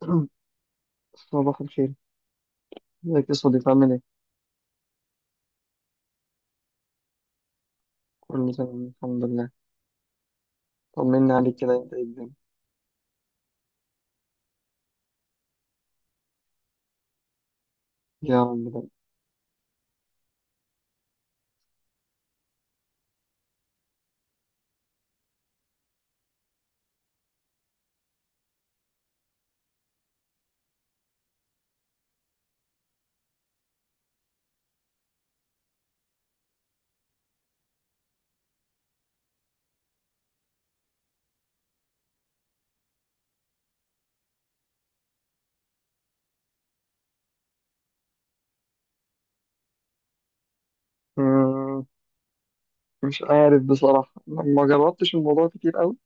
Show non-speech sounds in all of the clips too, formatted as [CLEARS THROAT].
[CLEARS THROAT] صباح الخير. ازيك يا صديقي؟ عامل ايه؟ كله تمام، الحمد لله. طمنا عليك كده، انت ايه الدنيا؟ يا رب. ده مم، مش عارف بصراحة. ما جربتش الموضوع كتير قوي.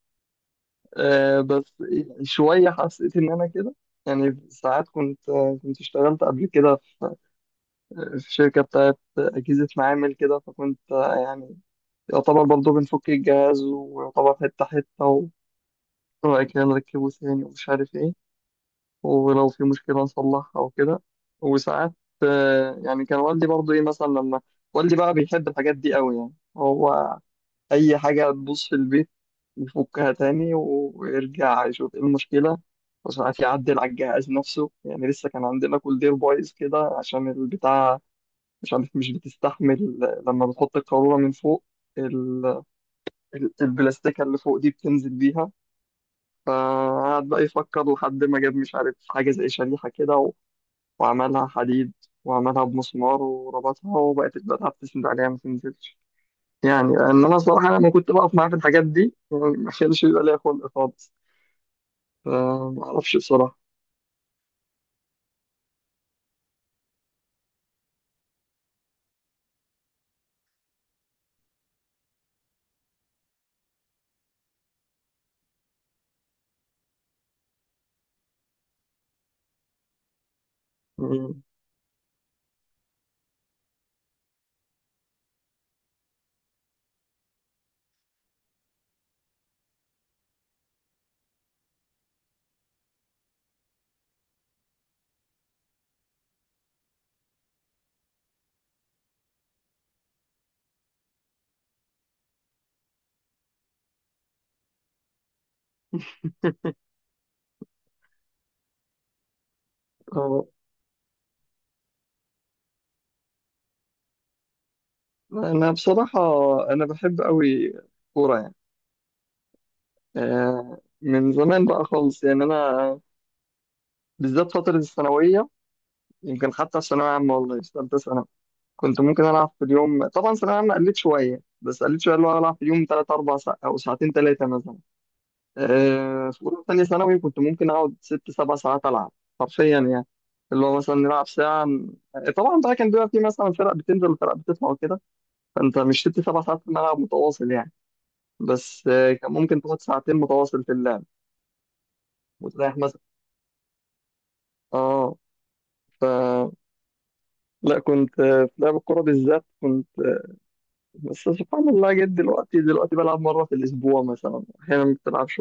بس شوية حسيت ان انا كده. يعني ساعات كنت، اشتغلت قبل كده في شركة بتاعت أجهزة معامل كده، فكنت يعني يعتبر برضه بنفك الجهاز ويعتبر حتة حتة، وبعد كده نركبه تاني ومش عارف ايه، ولو في مشكلة نصلحها أو كده. وساعات يعني كان والدي برضه إيه مثلا، لما والدي بقى بيحب الحاجات دي قوي، يعني هو أي حاجة تبوظ في البيت يفكها تاني ويرجع يشوف إيه المشكلة، وساعات يعدل على الجهاز نفسه. يعني لسه كان عندنا كولدير بايظ كده عشان البتاع مش عارف مش بتستحمل لما بتحط القارورة من فوق. ال- البلاستيكة اللي فوق دي بتنزل بيها، فقعد بقى يفكر لحد ما جاب مش عارف حاجة زي شريحة كده، وعملها حديد وعملها بمسمار وربطها، وبقت البتاعة بتسند عليها ما تنزلش. يعني لأن أنا الصراحة لما كنت بقف معاه في الحاجات دي، يعني ما كانش بيبقى ليا خلق خالص، فما أعرفش بصراحة يعني. آه، أنا بصراحة، أنا بحب أوي كورة يعني. من زمان بقى خالص يعني، أنا بالذات فترة الثانوية، يمكن حتى في ثانوية عامة والله، في ثالثة ثانوي كنت ممكن ألعب في اليوم. طبعا ثانوية عامة قلت شوية، بس قلت شوية اللي هو ألعب في اليوم 3 4 ساعات، أو ساعتين تلاتة مثلا. في أولى وتانية ثانوي كنت ممكن أقعد 6 7 ساعات ألعب، حرفيا يعني. اللي هو مثلا نلعب ساعة، طبعا بقى كان بيبقى في مثلا فرق بتنزل وفرق بتطلع وكده، فأنت مش 6 7 ساعات في الملعب متواصل يعني. بس كان ممكن تاخد ساعتين متواصل في اللعب وتريح مثلا. اه ف لا كنت في لعب الكورة بالذات، كنت بس سبحان الله جد. دلوقتي دلوقتي بلعب مرة في الأسبوع مثلا، أحيانا ما بتلعبش.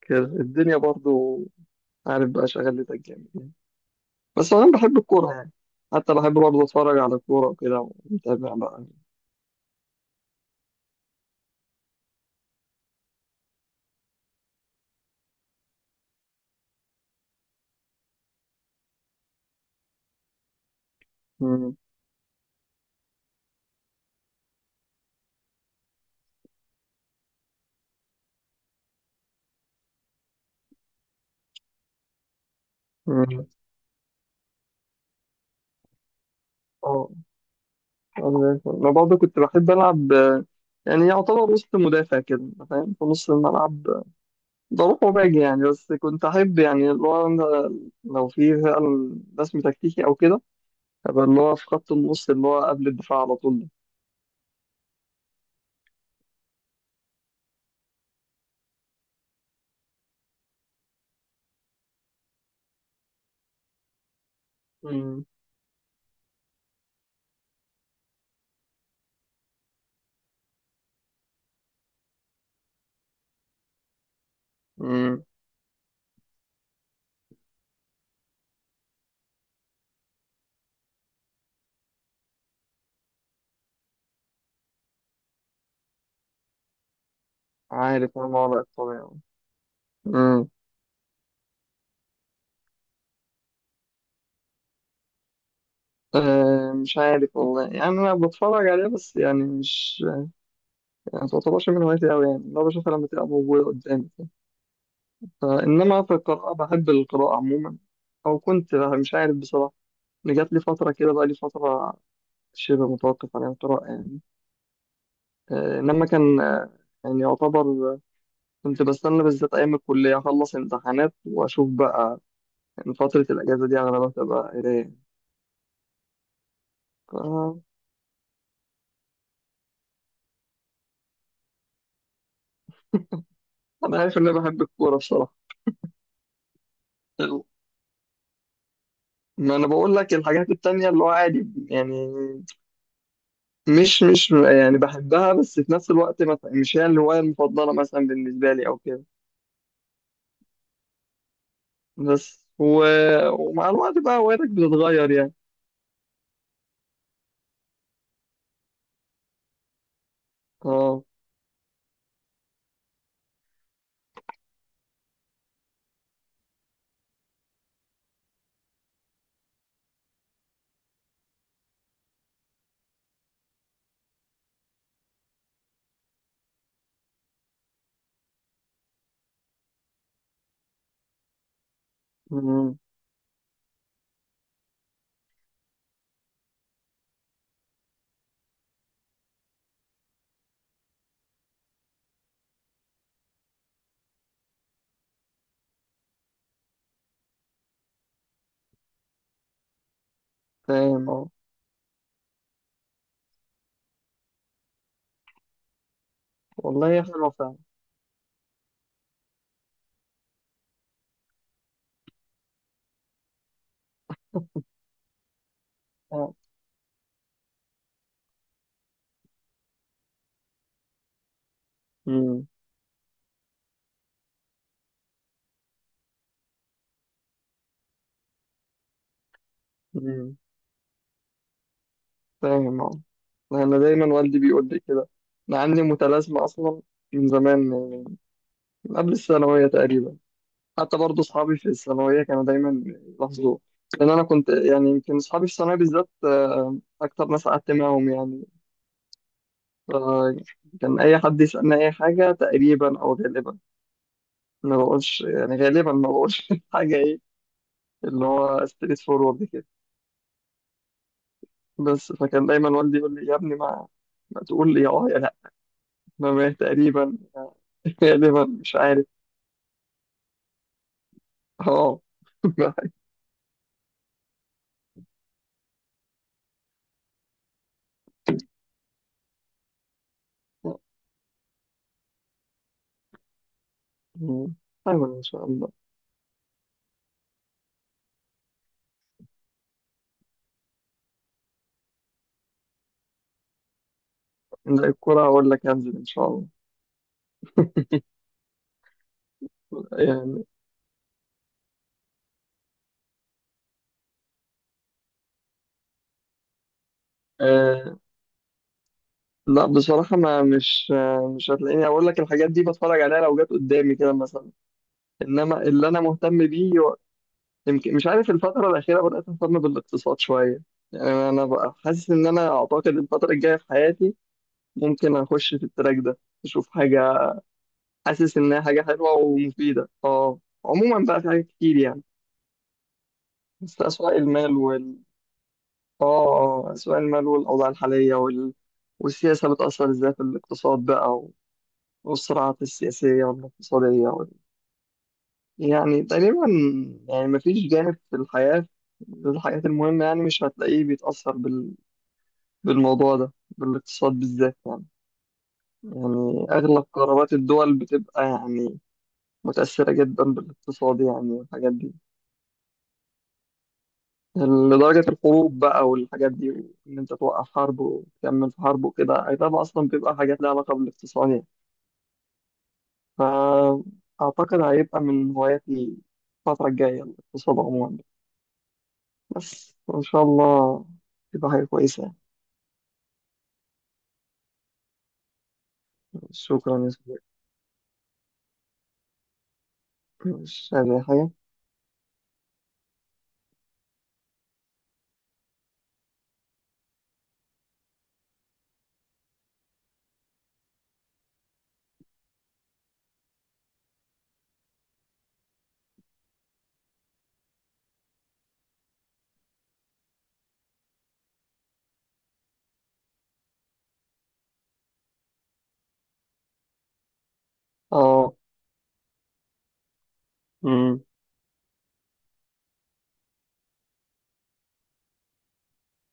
كده الدنيا برضو. عارف بقى، شغلتك جامد. بس أنا بحب الكورة يعني. حتى بحب برضه أتفرج على الكورة وكده، ومتابع بقى. مم. مم. أه، أنا زي الفل. أنا برضه كنت بحب ألعب، يعني يعتبر وسط مدافع كده، أنت فاهم، في نص الملعب. بروح وباجي يعني. بس كنت أحب يعني، اللي هو أنا لو في فعلا رسم تكتيكي أو كده، أبقى اللي هو في خط النص اللي هو قبل الدفاع على طول ده. مم. مم. عارف، أنا وضعك طبيعي. مم. مش عارف والله يعني. أنا بتفرج عليه بس يعني مش، يعني ما تعتبرش من هوايتي أوي يعني. لو بشوفها لما تبقى موجودة قدامي، فإنما في القراءة بحب القراءة عموما. أو كنت مش عارف بصراحة، إن جات لي فترة، كده بقى لي فترة شبه متوقف عن القراءة يعني. إنما كان يعني يعتبر آه، كنت بستنى بالذات أيام الكلية أخلص امتحانات، وأشوف بقى إن فترة الأجازة دي أغلبها تبقى قراية. ف- أنا عارف إن أنا بحب الكورة بصراحة. ما أنا بقول لك الحاجات التانية اللي هو عادي يعني. مش يعني بحبها بس في نفس الوقت مثلا مش هي الهواية المفضلة مثلا بالنسبة لي أو كده. بس و... ومع الوقت بقى هوايتك بتتغير يعني. اه. أمم، فاهم اه. والله هي حلوة فعلا. اه. أمم. أمم، فاهم اه. أنا دايما والدي بيقول لي كده. أنا عندي متلازمة أصلا، من زمان، من قبل الثانوية تقريبا. حتى برضه أصحابي في الثانوية كانوا دايما يلاحظوه، لأن أنا كنت يعني، يمكن أصحابي في الثانوية بالذات أكتر ناس قعدت معاهم يعني. فكان أي حد يسألني أي حاجة تقريبا، أو غالبا ما بقولش يعني، غالبا ما بقولش [LAUGHS] حاجة إيه، اللي هو ستريت فورورد كده. بس فكان دايما والدي يقول لي: يا ابني، ما تقول لي يا اه يا لا، ما تقريبا [LAUGHS] غالبا مش عارف. اه [LAUGHS] حاول ان شاء الله. لا، الكرة اقول لك هنزل ان شاء الله. يعني آه لا بصراحة، ما مش، مش هتلاقيني اقول لك الحاجات دي بتفرج عليها، لو جت قدامي كده مثلا. انما اللي انا مهتم بيه، يمكن مش عارف، الفترة الأخيرة بدأت أهتم بالاقتصاد شوية. يعني أنا بقى حاسس إن أنا، أعتقد الفترة الجاية في حياتي ممكن أخش في التراك ده أشوف حاجة. حاسس إنها حاجة حلوة ومفيدة. أه، عموما بقى في حاجات كتير يعني. بس أسواق المال وال أه آه، أسواق المال والأوضاع الحالية والسياسة بتأثر إزاي في الاقتصاد بقى، والصراعات السياسية والاقتصادية يعني تقريبا، يعني مفيش جانب في الحياة، الحاجات المهمة يعني، مش هتلاقيه بيتأثر بالموضوع ده، بالاقتصاد بالذات يعني. يعني أغلب قرارات الدول بتبقى يعني متأثرة جدا بالاقتصاد يعني، والحاجات دي لدرجة الحروب بقى والحاجات دي. وإن أنت توقف حرب وتكمل في حرب وكده، أي طبعا أصلا بتبقى حاجات لها علاقة بالاقتصاد يعني. فأعتقد هيبقى من هواياتي الفترة الجاية الاقتصاد عموما. بس وإن شاء الله تبقى حاجة كويسة يعني. شكرا يا صديقي. مش عايز أي حاجة. اه. أمم،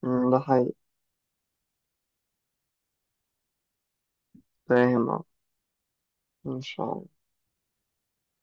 أمم، ده حقيقي. فاهم آه. إن شاء الله.